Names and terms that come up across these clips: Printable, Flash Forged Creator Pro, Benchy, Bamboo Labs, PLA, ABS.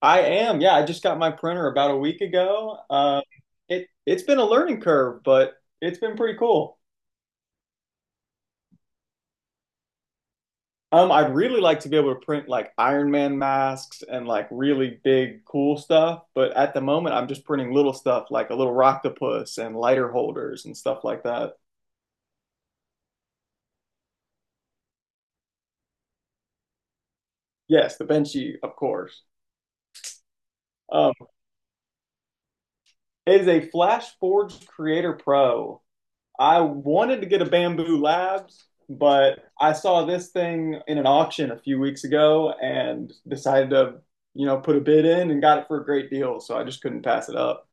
I am. Yeah, I just got my printer about a week ago. It's been a learning curve, but it's been pretty cool. I'd really like to be able to print like Iron Man masks and like really big cool stuff, but at the moment I'm just printing little stuff like a little octopus and lighter holders and stuff like that. Yes, the Benchy, of course. Um, it is a Flash Forged Creator Pro. I wanted to get a Bamboo Labs, but I saw this thing in an auction a few weeks ago and decided to, you know, put a bid in and got it for a great deal. So I just couldn't pass it up.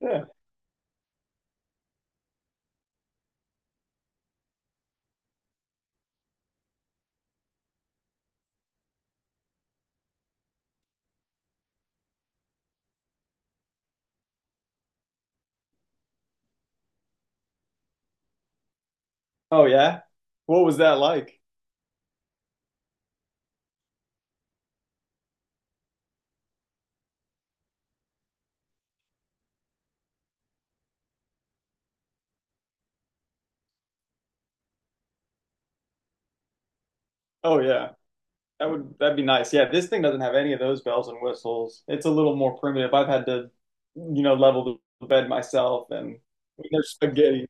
Yeah. Oh yeah. What was that like? Oh yeah. That'd be nice. Yeah, this thing doesn't have any of those bells and whistles. It's a little more primitive. I've had to, you know, level the bed myself and there's spaghetti.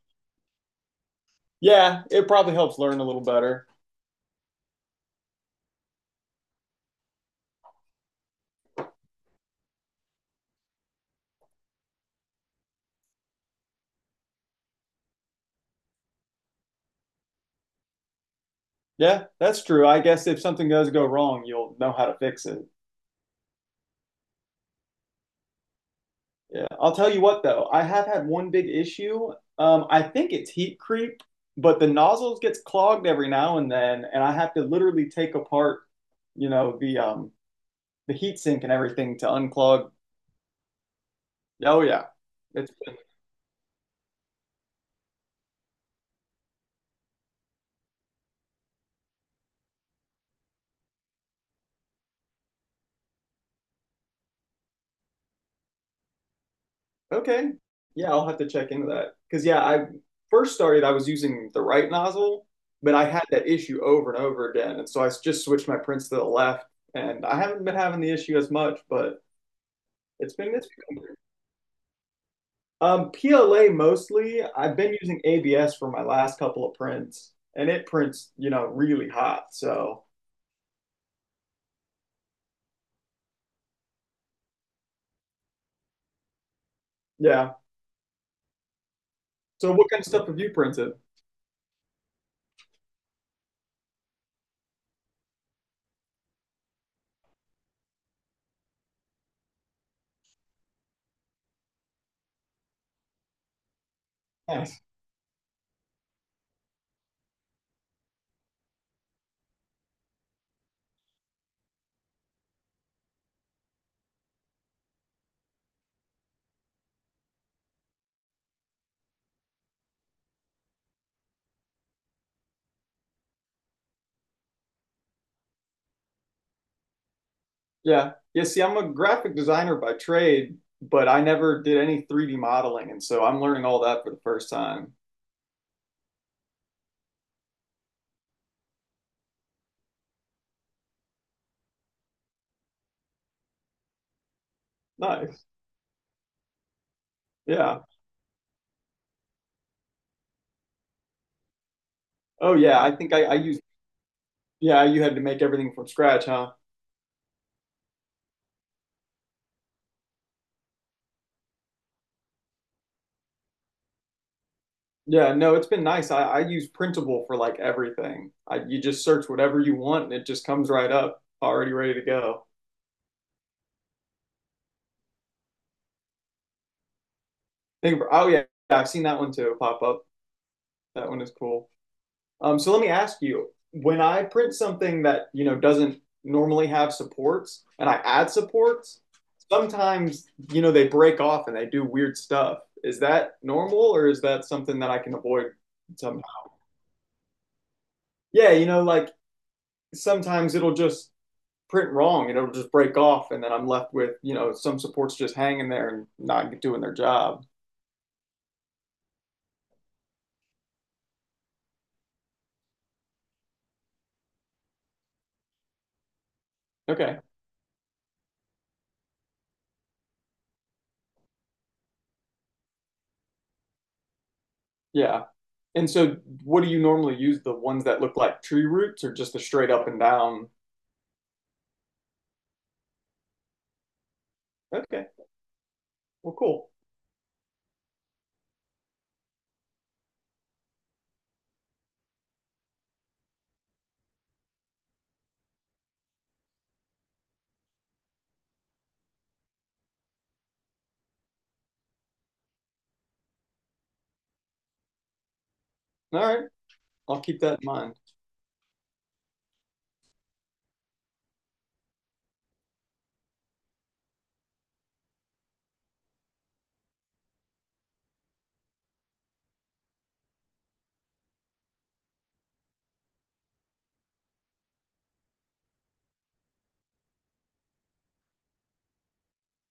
Yeah, it probably helps learn a little better. Yeah, that's true. I guess if something does go wrong, you'll know how to fix it. Yeah. I'll tell you what though, I have had one big issue. I think it's heat creep, but the nozzles gets clogged every now and then, and I have to literally take apart, you know, the the heat sink and everything to unclog. Oh yeah. It's okay. Yeah, I'll have to check into that. Because, yeah, I first started, I was using the right nozzle, but I had that issue over and over again. And so just switched my prints to the left, and I haven't been having the issue as much, but it's been weird. PLA mostly. I've been using ABS for my last couple of prints, and it prints, you know, really hot. So, yeah. So, what kind of stuff have you printed? Nice. Yeah. Yeah, see, I'm a graphic designer by trade, but I never did any 3D modeling, and so I'm learning all that for the first time. Nice. Yeah. Oh yeah, I think I used yeah, you had to make everything from scratch, huh? Yeah, no, it's been nice. I use Printable for like everything. I, you just search whatever you want and it just comes right up, already ready to go. Think of, oh yeah, I've seen that one too pop up. That one is cool. So let me ask you, when I print something that, you know, doesn't normally have supports and I add supports, sometimes, you know, they break off and they do weird stuff. Is that normal or is that something that I can avoid somehow? Yeah, you know, like sometimes it'll just print wrong and it'll just break off and then I'm left with, you know, some supports just hanging there and not doing their job. Okay. Yeah. And so what do you normally use? The ones that look like tree roots or just the straight up and down? Okay. Well, cool. All right, I'll keep that in mind.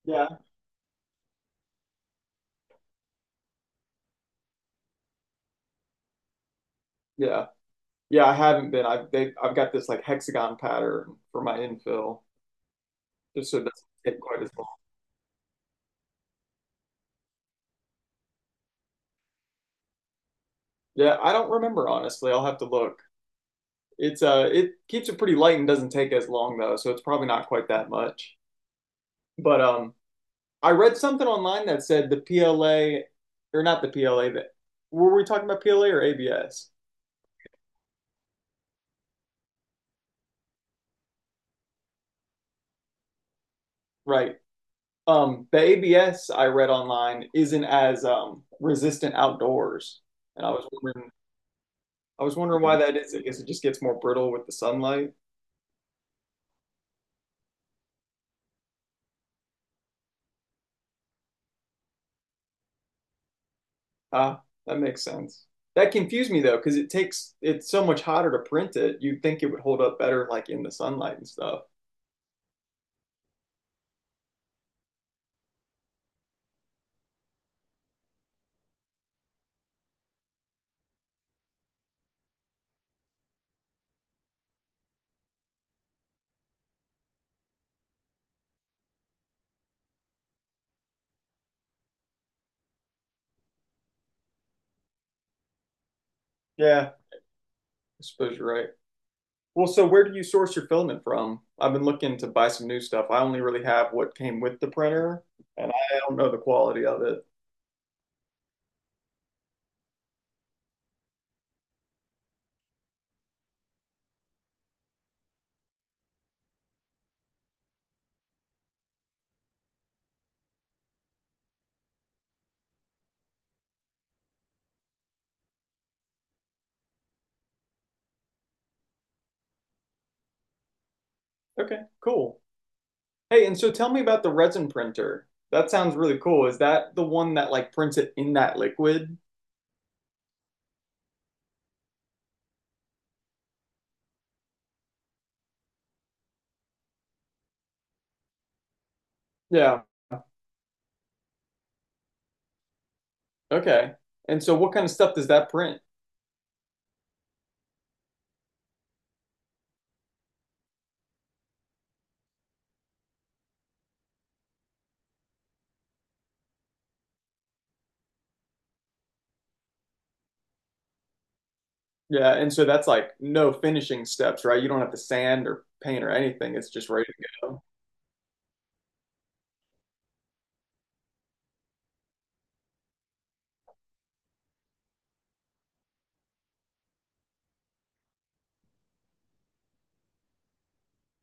Yeah. Yeah. Yeah, I haven't been. I've got this like hexagon pattern for my infill, just so it doesn't take quite as long. Yeah, I don't remember honestly. I'll have to look. It's it keeps it pretty light and doesn't take as long though, so it's probably not quite that much. But I read something online that said the PLA, or not the PLA, that were we talking about PLA or ABS? Right. The ABS I read online isn't as resistant outdoors, and I was wondering why that is. I guess it just gets more brittle with the sunlight. Ah, that makes sense. That confused me though, because it's so much hotter to print it. You'd think it would hold up better like in the sunlight and stuff. Yeah, I suppose you're right. Well, so where do you source your filament from? I've been looking to buy some new stuff. I only really have what came with the printer, and I don't know the quality of it. Okay, cool. Hey, and so tell me about the resin printer. That sounds really cool. Is that the one that like prints it in that liquid? Yeah. Okay. And so what kind of stuff does that print? Yeah, and so that's like no finishing steps, right? You don't have to sand or paint or anything. It's just ready to go.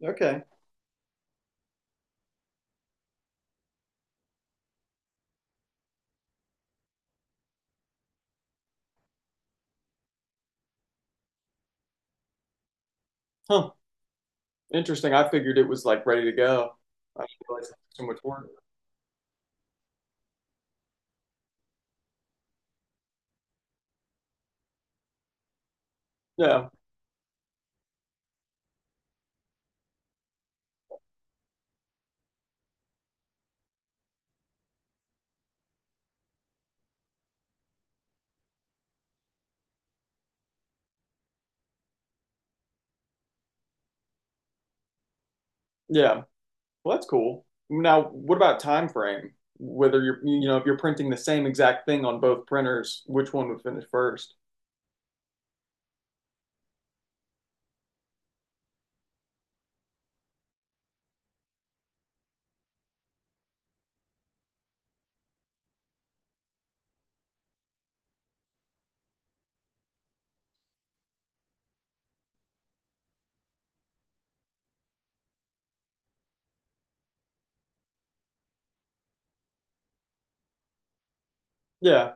Okay. Huh. Interesting. I figured it was like ready to go. I didn't realize it took so much work. Yeah. Yeah. Well, that's cool. Now, what about time frame? Whether you're, you know, if you're printing the same exact thing on both printers, which one would finish first? Yeah.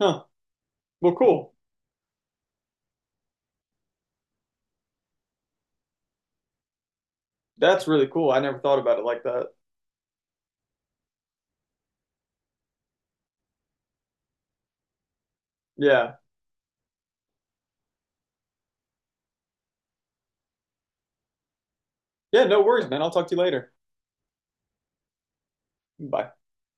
Huh. Well, cool. That's really cool. I never thought about it like that. Yeah. Yeah, no worries, man. I'll talk to you later. Bye.